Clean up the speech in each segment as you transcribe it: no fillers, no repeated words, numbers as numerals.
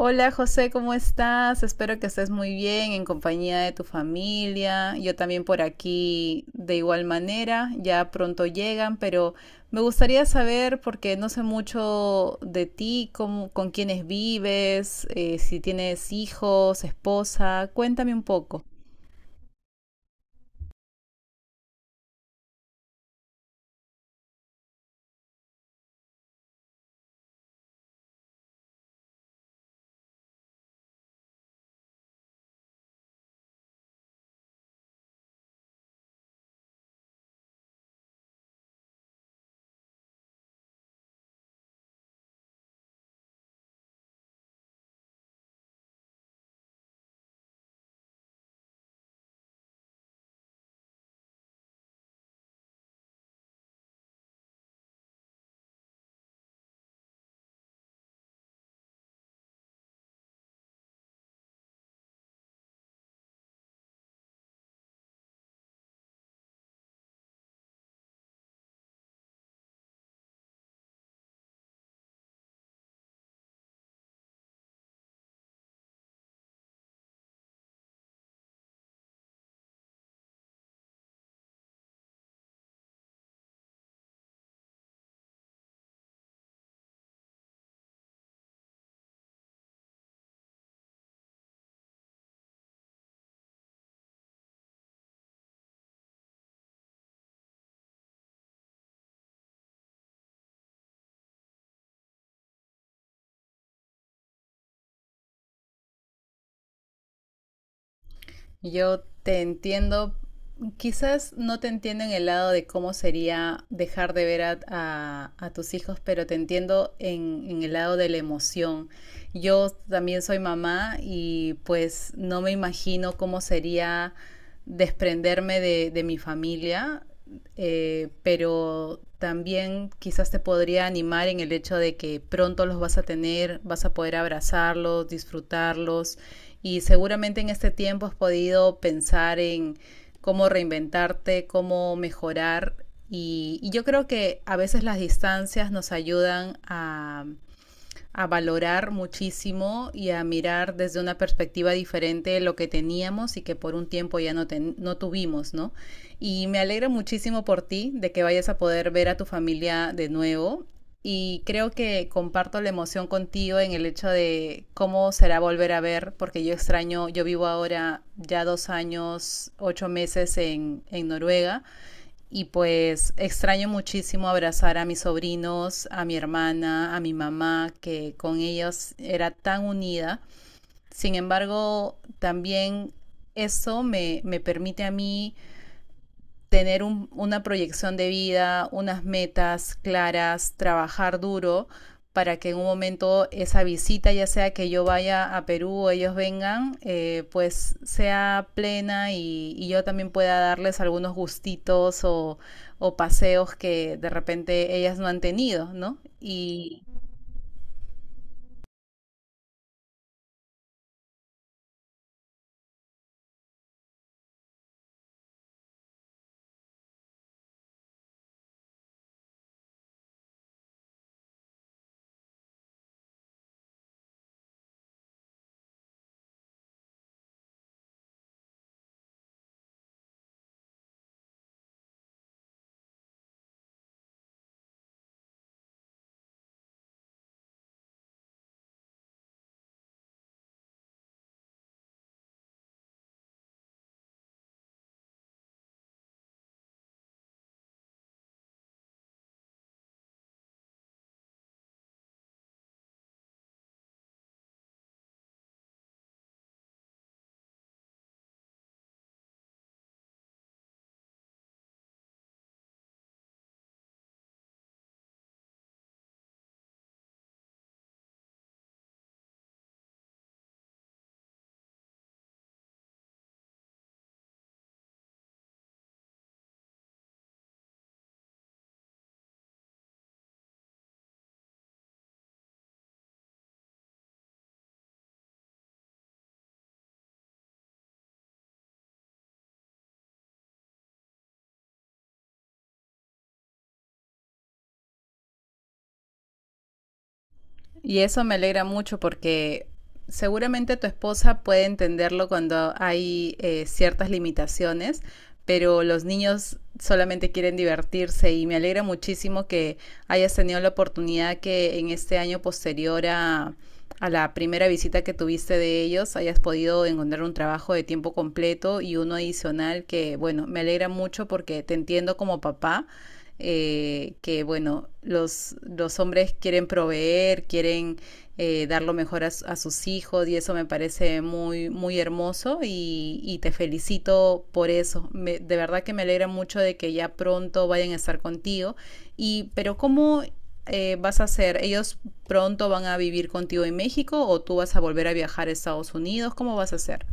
Hola José, ¿cómo estás? Espero que estés muy bien en compañía de tu familia. Yo también por aquí de igual manera, ya pronto llegan, pero me gustaría saber, porque no sé mucho de ti, con quiénes vives, si tienes hijos, esposa, cuéntame un poco. Yo te entiendo, quizás no te entiendo en el lado de cómo sería dejar de ver a tus hijos, pero te entiendo en el lado de la emoción. Yo también soy mamá y pues no me imagino cómo sería desprenderme de mi familia, pero también quizás te podría animar en el hecho de que pronto los vas a tener, vas a poder abrazarlos, disfrutarlos, y seguramente en este tiempo has podido pensar en cómo reinventarte, cómo mejorar, y yo creo que a veces las distancias nos ayudan a valorar muchísimo y a mirar desde una perspectiva diferente de lo que teníamos y que por un tiempo no tuvimos, ¿no? Me alegra muchísimo por ti de que vayas a poder ver a tu familia de nuevo, y creo que comparto la emoción contigo en el hecho de cómo será volver a ver, porque yo extraño, yo vivo ahora ya 2 años, 8 meses en Noruega, y pues extraño muchísimo abrazar a mis sobrinos, a mi hermana, a mi mamá, que con ellos era tan unida. Sin embargo, también eso me permite a mí tener una proyección de vida, unas metas claras, trabajar duro para que en un momento esa visita, ya sea que yo vaya a Perú o ellos vengan, pues sea plena y yo también pueda darles algunos gustitos o paseos que de repente ellas no han tenido, ¿no? Y eso me alegra mucho porque seguramente tu esposa puede entenderlo cuando hay ciertas limitaciones, pero los niños solamente quieren divertirse y me alegra muchísimo que hayas tenido la oportunidad que en este año posterior a la primera visita que tuviste de ellos hayas podido encontrar un trabajo de tiempo completo y uno adicional que, bueno, me alegra mucho porque te entiendo como papá, que bueno, los hombres quieren proveer, quieren, dar lo mejor a sus hijos y eso me parece muy, muy hermoso y te felicito por eso. De verdad que me alegra mucho de que ya pronto vayan a estar contigo. Y, pero ¿cómo, vas a hacer? ¿Ellos pronto van a vivir contigo en México o tú vas a volver a viajar a Estados Unidos? ¿Cómo vas a hacer?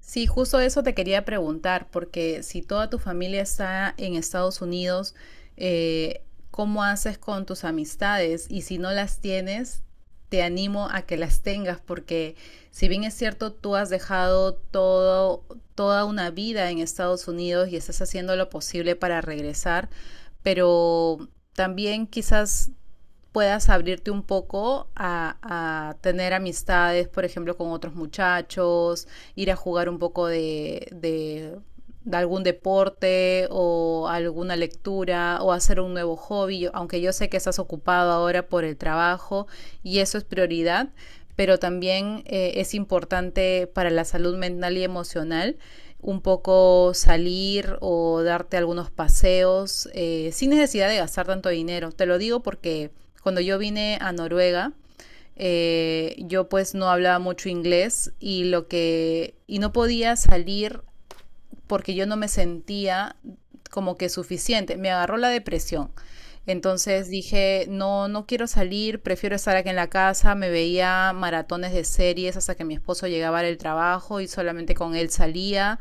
Sí, justo eso te quería preguntar, porque si toda tu familia está en Estados Unidos, eh, ¿cómo haces con tus amistades? Y si no las tienes, te animo a que las tengas, porque si bien es cierto, tú has dejado todo, toda una vida en Estados Unidos y estás haciendo lo posible para regresar, pero también quizás puedas abrirte un poco tener amistades, por ejemplo, con otros muchachos, ir a jugar un poco algún deporte o alguna lectura o hacer un nuevo hobby, aunque yo sé que estás ocupado ahora por el trabajo y eso es prioridad, pero también, es importante para la salud mental y emocional un poco salir o darte algunos paseos, sin necesidad de gastar tanto dinero. Te lo digo porque cuando yo vine a Noruega, yo pues no hablaba mucho inglés y lo que y no podía salir porque yo no me sentía como que suficiente. Me agarró la depresión. Entonces dije, no, no quiero salir, prefiero estar aquí en la casa. Me veía maratones de series hasta que mi esposo llegaba del trabajo y solamente con él salía.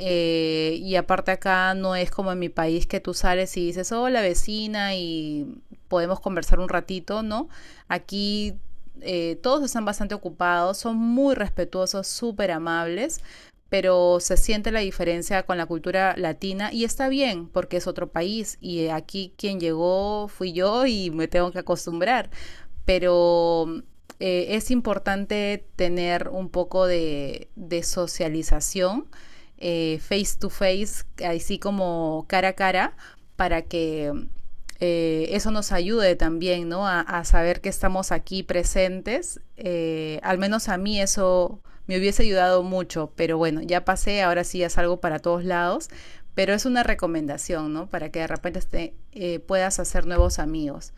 Y aparte acá no es como en mi país que tú sales y dices, hola vecina, y podemos conversar un ratito, ¿no? Aquí, todos están bastante ocupados, son muy respetuosos, súper amables, pero se siente la diferencia con la cultura latina y está bien porque es otro país y aquí quien llegó fui yo y me tengo que acostumbrar, pero, es importante tener un poco de socialización, face to face, así como cara a cara, para que, eso nos ayude también, ¿no? A saber que estamos aquí presentes. Al menos a mí eso me hubiese ayudado mucho, pero bueno, ya pasé, ahora sí ya salgo para todos lados, pero es una recomendación, ¿no? Para que de repente te, puedas hacer nuevos amigos.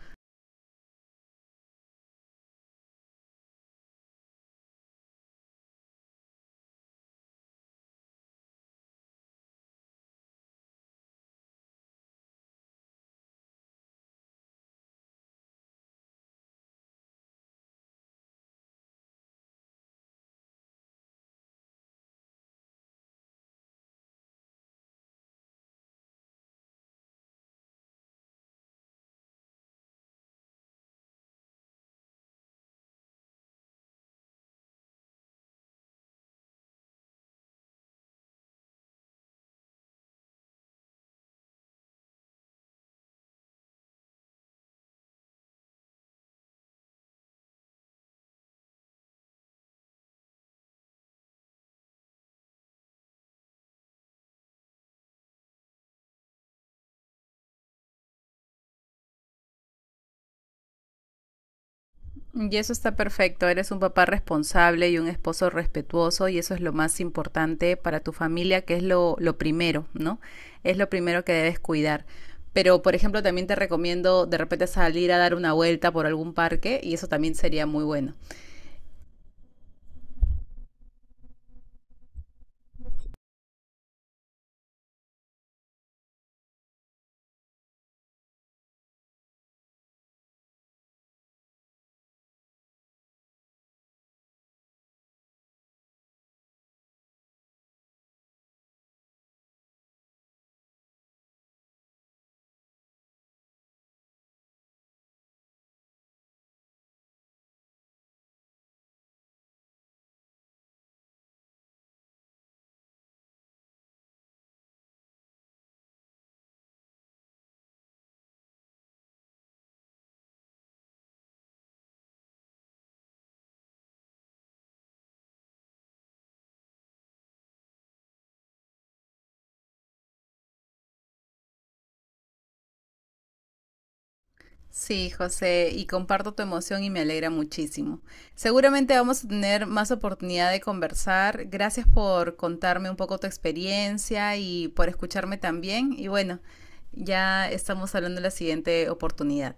Y eso está perfecto, eres un papá responsable y un esposo respetuoso y eso es lo más importante para tu familia, que es lo primero, ¿no? Es lo primero que debes cuidar. Pero, por ejemplo, también te recomiendo de repente salir a dar una vuelta por algún parque y eso también sería muy bueno. Sí, José, y comparto tu emoción y me alegra muchísimo. Seguramente vamos a tener más oportunidad de conversar. Gracias por contarme un poco tu experiencia y por escucharme también. Y bueno, ya estamos hablando de la siguiente oportunidad.